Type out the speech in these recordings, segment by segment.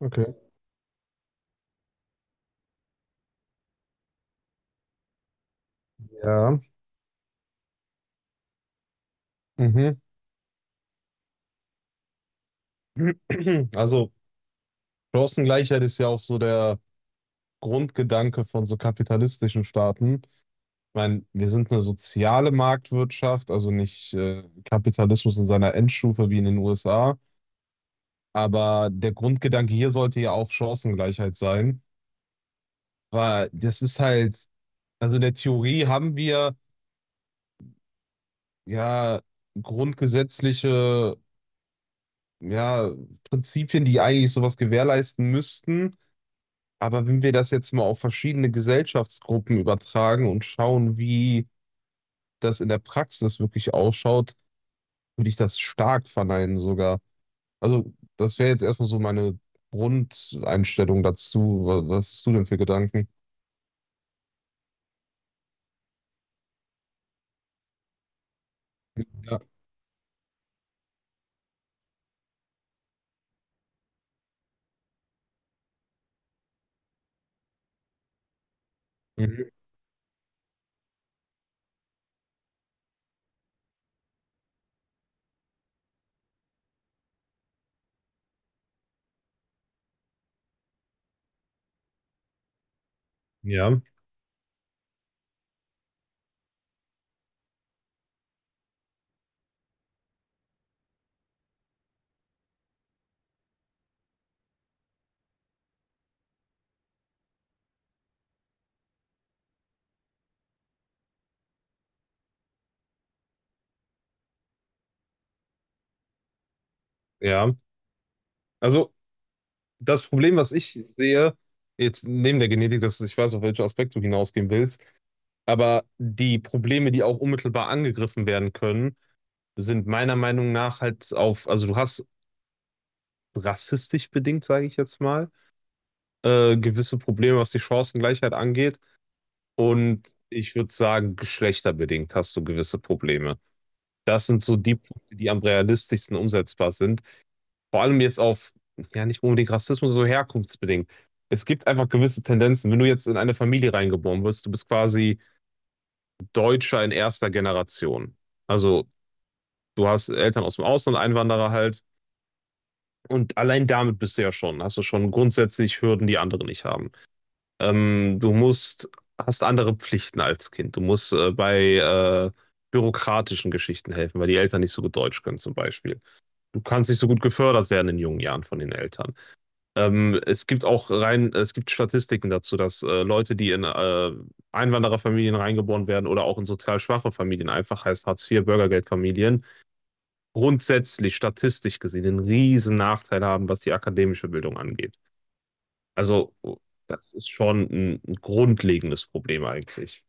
Okay. Ja. Mhm. Also Chancengleichheit ist ja auch so der Grundgedanke von so kapitalistischen Staaten. Ich meine, wir sind eine soziale Marktwirtschaft, also nicht Kapitalismus in seiner Endstufe wie in den USA. Aber der Grundgedanke hier sollte ja auch Chancengleichheit sein. Weil das ist halt, also in der Theorie haben wir ja grundgesetzliche, ja, Prinzipien, die eigentlich sowas gewährleisten müssten. Aber wenn wir das jetzt mal auf verschiedene Gesellschaftsgruppen übertragen und schauen, wie das in der Praxis wirklich ausschaut, würde ich das stark verneinen sogar. Also, das wäre jetzt erstmal so meine Grundeinstellung dazu. Was hast du denn für Gedanken? Ja, mhm. Ja, ja. Also das Problem, was ich sehe, jetzt neben der Genetik, dass ich weiß, auf welchen Aspekt du hinausgehen willst, aber die Probleme, die auch unmittelbar angegriffen werden können, sind meiner Meinung nach halt auf, also du hast rassistisch bedingt, sage ich jetzt mal, gewisse Probleme, was die Chancengleichheit angeht. Und ich würde sagen, geschlechterbedingt hast du gewisse Probleme. Das sind so die Punkte, die am realistischsten umsetzbar sind. Vor allem jetzt auf, ja, nicht unbedingt Rassismus, so herkunftsbedingt. Es gibt einfach gewisse Tendenzen. Wenn du jetzt in eine Familie reingeboren wirst, du bist quasi Deutscher in erster Generation. Also du hast Eltern aus dem Ausland, Einwanderer halt. Und allein damit bist du ja schon, hast du schon grundsätzlich Hürden, die andere nicht haben. Du musst, hast andere Pflichten als Kind. Du musst bei bürokratischen Geschichten helfen, weil die Eltern nicht so gut Deutsch können zum Beispiel. Du kannst nicht so gut gefördert werden in jungen Jahren von den Eltern. Es gibt auch rein, es gibt Statistiken dazu, dass Leute, die in Einwandererfamilien reingeboren werden oder auch in sozial schwache Familien, einfach heißt Hartz-IV, Bürgergeldfamilien, grundsätzlich statistisch gesehen einen riesen Nachteil haben, was die akademische Bildung angeht. Also, das ist schon ein grundlegendes Problem eigentlich.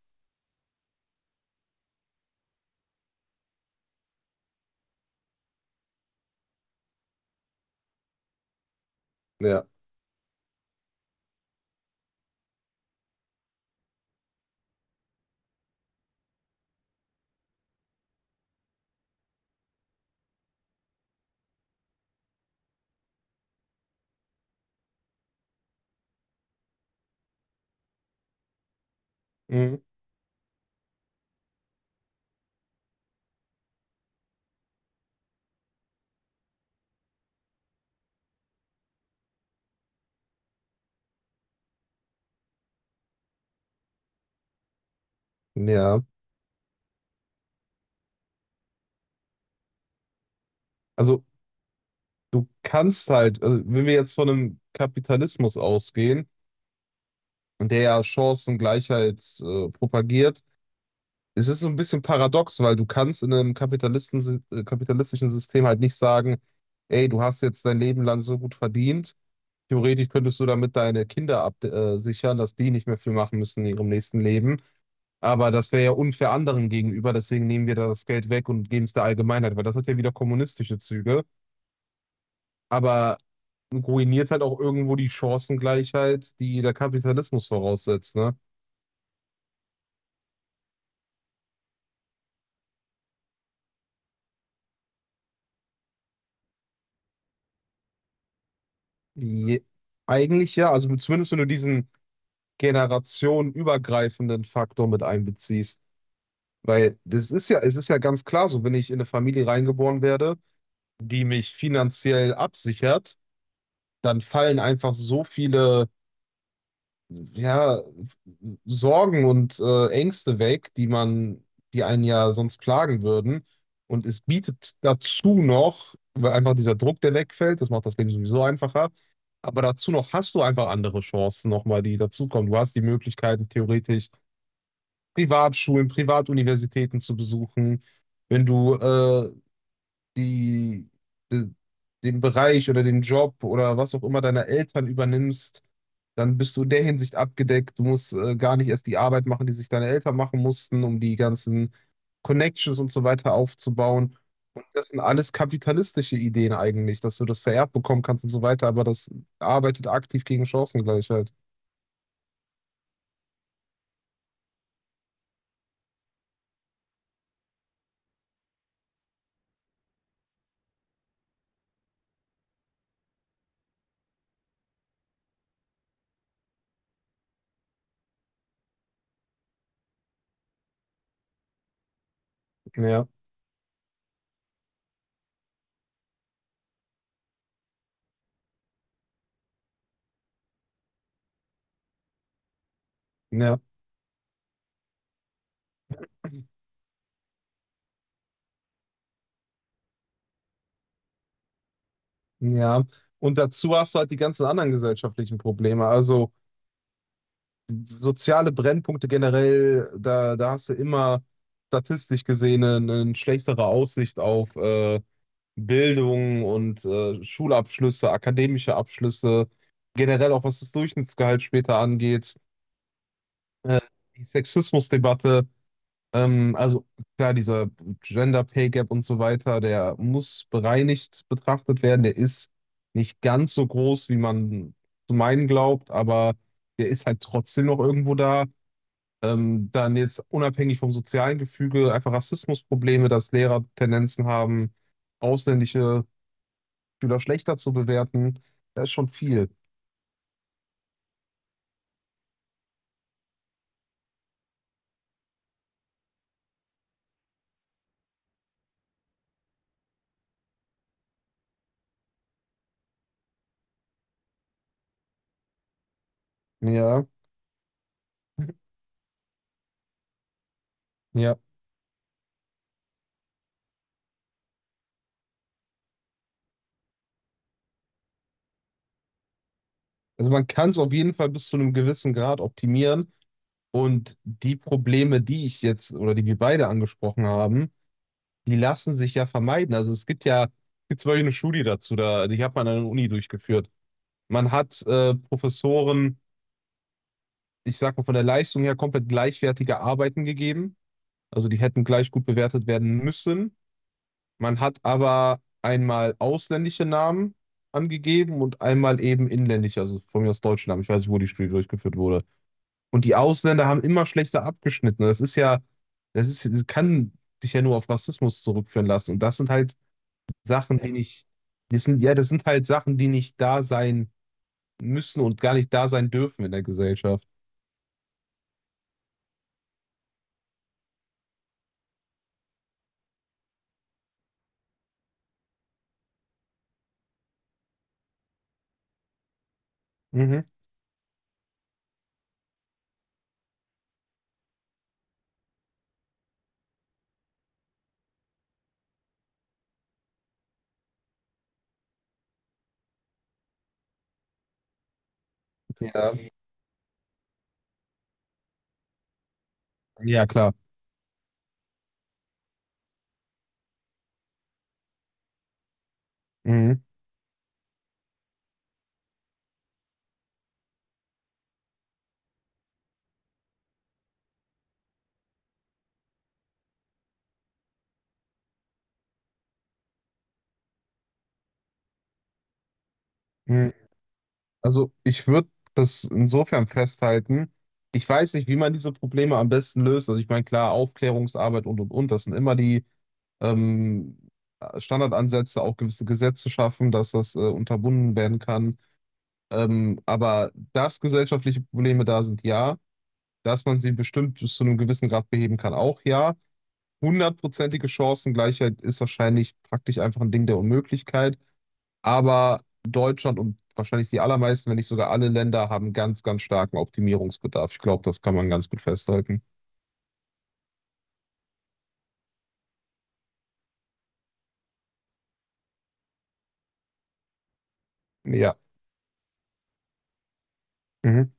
Ja. Mhm. Ja. Also du kannst halt, also wenn wir jetzt von einem Kapitalismus ausgehen, der ja Chancengleichheit propagiert, es ist so ein bisschen paradox, weil du kannst in einem kapitalistischen System halt nicht sagen, ey, du hast jetzt dein Leben lang so gut verdient. Theoretisch könntest du damit deine Kinder ab sichern, dass die nicht mehr viel machen müssen in ihrem nächsten Leben. Aber das wäre ja unfair anderen gegenüber, deswegen nehmen wir da das Geld weg und geben es der Allgemeinheit, weil das hat ja wieder kommunistische Züge, aber ruiniert halt auch irgendwo die Chancengleichheit, die der Kapitalismus voraussetzt, ne? Je, eigentlich ja, also zumindest wenn du diesen generationenübergreifenden Faktor mit einbeziehst, weil das ist ja, es ist ja ganz klar so, wenn ich in eine Familie reingeboren werde, die mich finanziell absichert, dann fallen einfach so viele, ja, Sorgen und Ängste weg, die man, die einen ja sonst plagen würden. Und es bietet dazu noch, weil einfach dieser Druck, der wegfällt, das macht das Leben sowieso einfacher. Aber dazu noch hast du einfach andere Chancen nochmal, die dazukommen. Du hast die Möglichkeiten, theoretisch Privatschulen, Privatuniversitäten zu besuchen. Wenn du die, de, den Bereich oder den Job oder was auch immer deiner Eltern übernimmst, dann bist du in der Hinsicht abgedeckt. Du musst gar nicht erst die Arbeit machen, die sich deine Eltern machen mussten, um die ganzen Connections und so weiter aufzubauen. Und das sind alles kapitalistische Ideen eigentlich, dass du das vererbt bekommen kannst und so weiter, aber das arbeitet aktiv gegen Chancengleichheit. Ja, ja, ja. Und dazu hast du halt die ganzen anderen gesellschaftlichen Probleme. Also soziale Brennpunkte generell, da hast du immer statistisch gesehen eine schlechtere Aussicht auf Bildung und Schulabschlüsse, akademische Abschlüsse, generell auch was das Durchschnittsgehalt später angeht, äh, die Sexismusdebatte, also klar, dieser Gender Pay Gap und so weiter, der muss bereinigt betrachtet werden, der ist nicht ganz so groß, wie man zu meinen glaubt, aber der ist halt trotzdem noch irgendwo da. Dann jetzt unabhängig vom sozialen Gefüge einfach Rassismusprobleme, dass Lehrer Tendenzen haben, ausländische Schüler schlechter zu bewerten. Da ist schon viel. Ja, ja. Also man kann es auf jeden Fall bis zu einem gewissen Grad optimieren. Und die Probleme, die ich jetzt oder die wir beide angesprochen haben, die lassen sich ja vermeiden. Also es gibt ja, es gibt zum Beispiel eine Studie dazu, da, die hat man an der Uni durchgeführt. Man hat Professoren, ich sag mal von der Leistung her, komplett gleichwertige Arbeiten gegeben. Also die hätten gleich gut bewertet werden müssen. Man hat aber einmal ausländische Namen angegeben und einmal eben inländische, also von mir aus deutsche Namen. Ich weiß nicht, wo die Studie durchgeführt wurde. Und die Ausländer haben immer schlechter abgeschnitten. Das ist ja, das ist, das kann dich ja nur auf Rassismus zurückführen lassen. Und das sind halt Sachen, die nicht, das sind, ja, das sind halt Sachen, die nicht da sein müssen und gar nicht da sein dürfen in der Gesellschaft. Mhm. Ja, ja, klar. Mhm. Mhm. Also ich würde das insofern festhalten. Ich weiß nicht, wie man diese Probleme am besten löst. Also ich meine, klar, Aufklärungsarbeit und, das sind immer die, ähm, Standardansätze, auch gewisse Gesetze schaffen, dass das unterbunden werden kann. Aber dass gesellschaftliche Probleme da sind, ja. Dass man sie bestimmt bis zu einem gewissen Grad beheben kann, auch ja. Hundertprozentige Chancengleichheit ist wahrscheinlich praktisch einfach ein Ding der Unmöglichkeit. Aber Deutschland und wahrscheinlich die allermeisten, wenn nicht sogar alle Länder, haben ganz, ganz starken Optimierungsbedarf. Ich glaube, das kann man ganz gut festhalten. Ja. Mhm.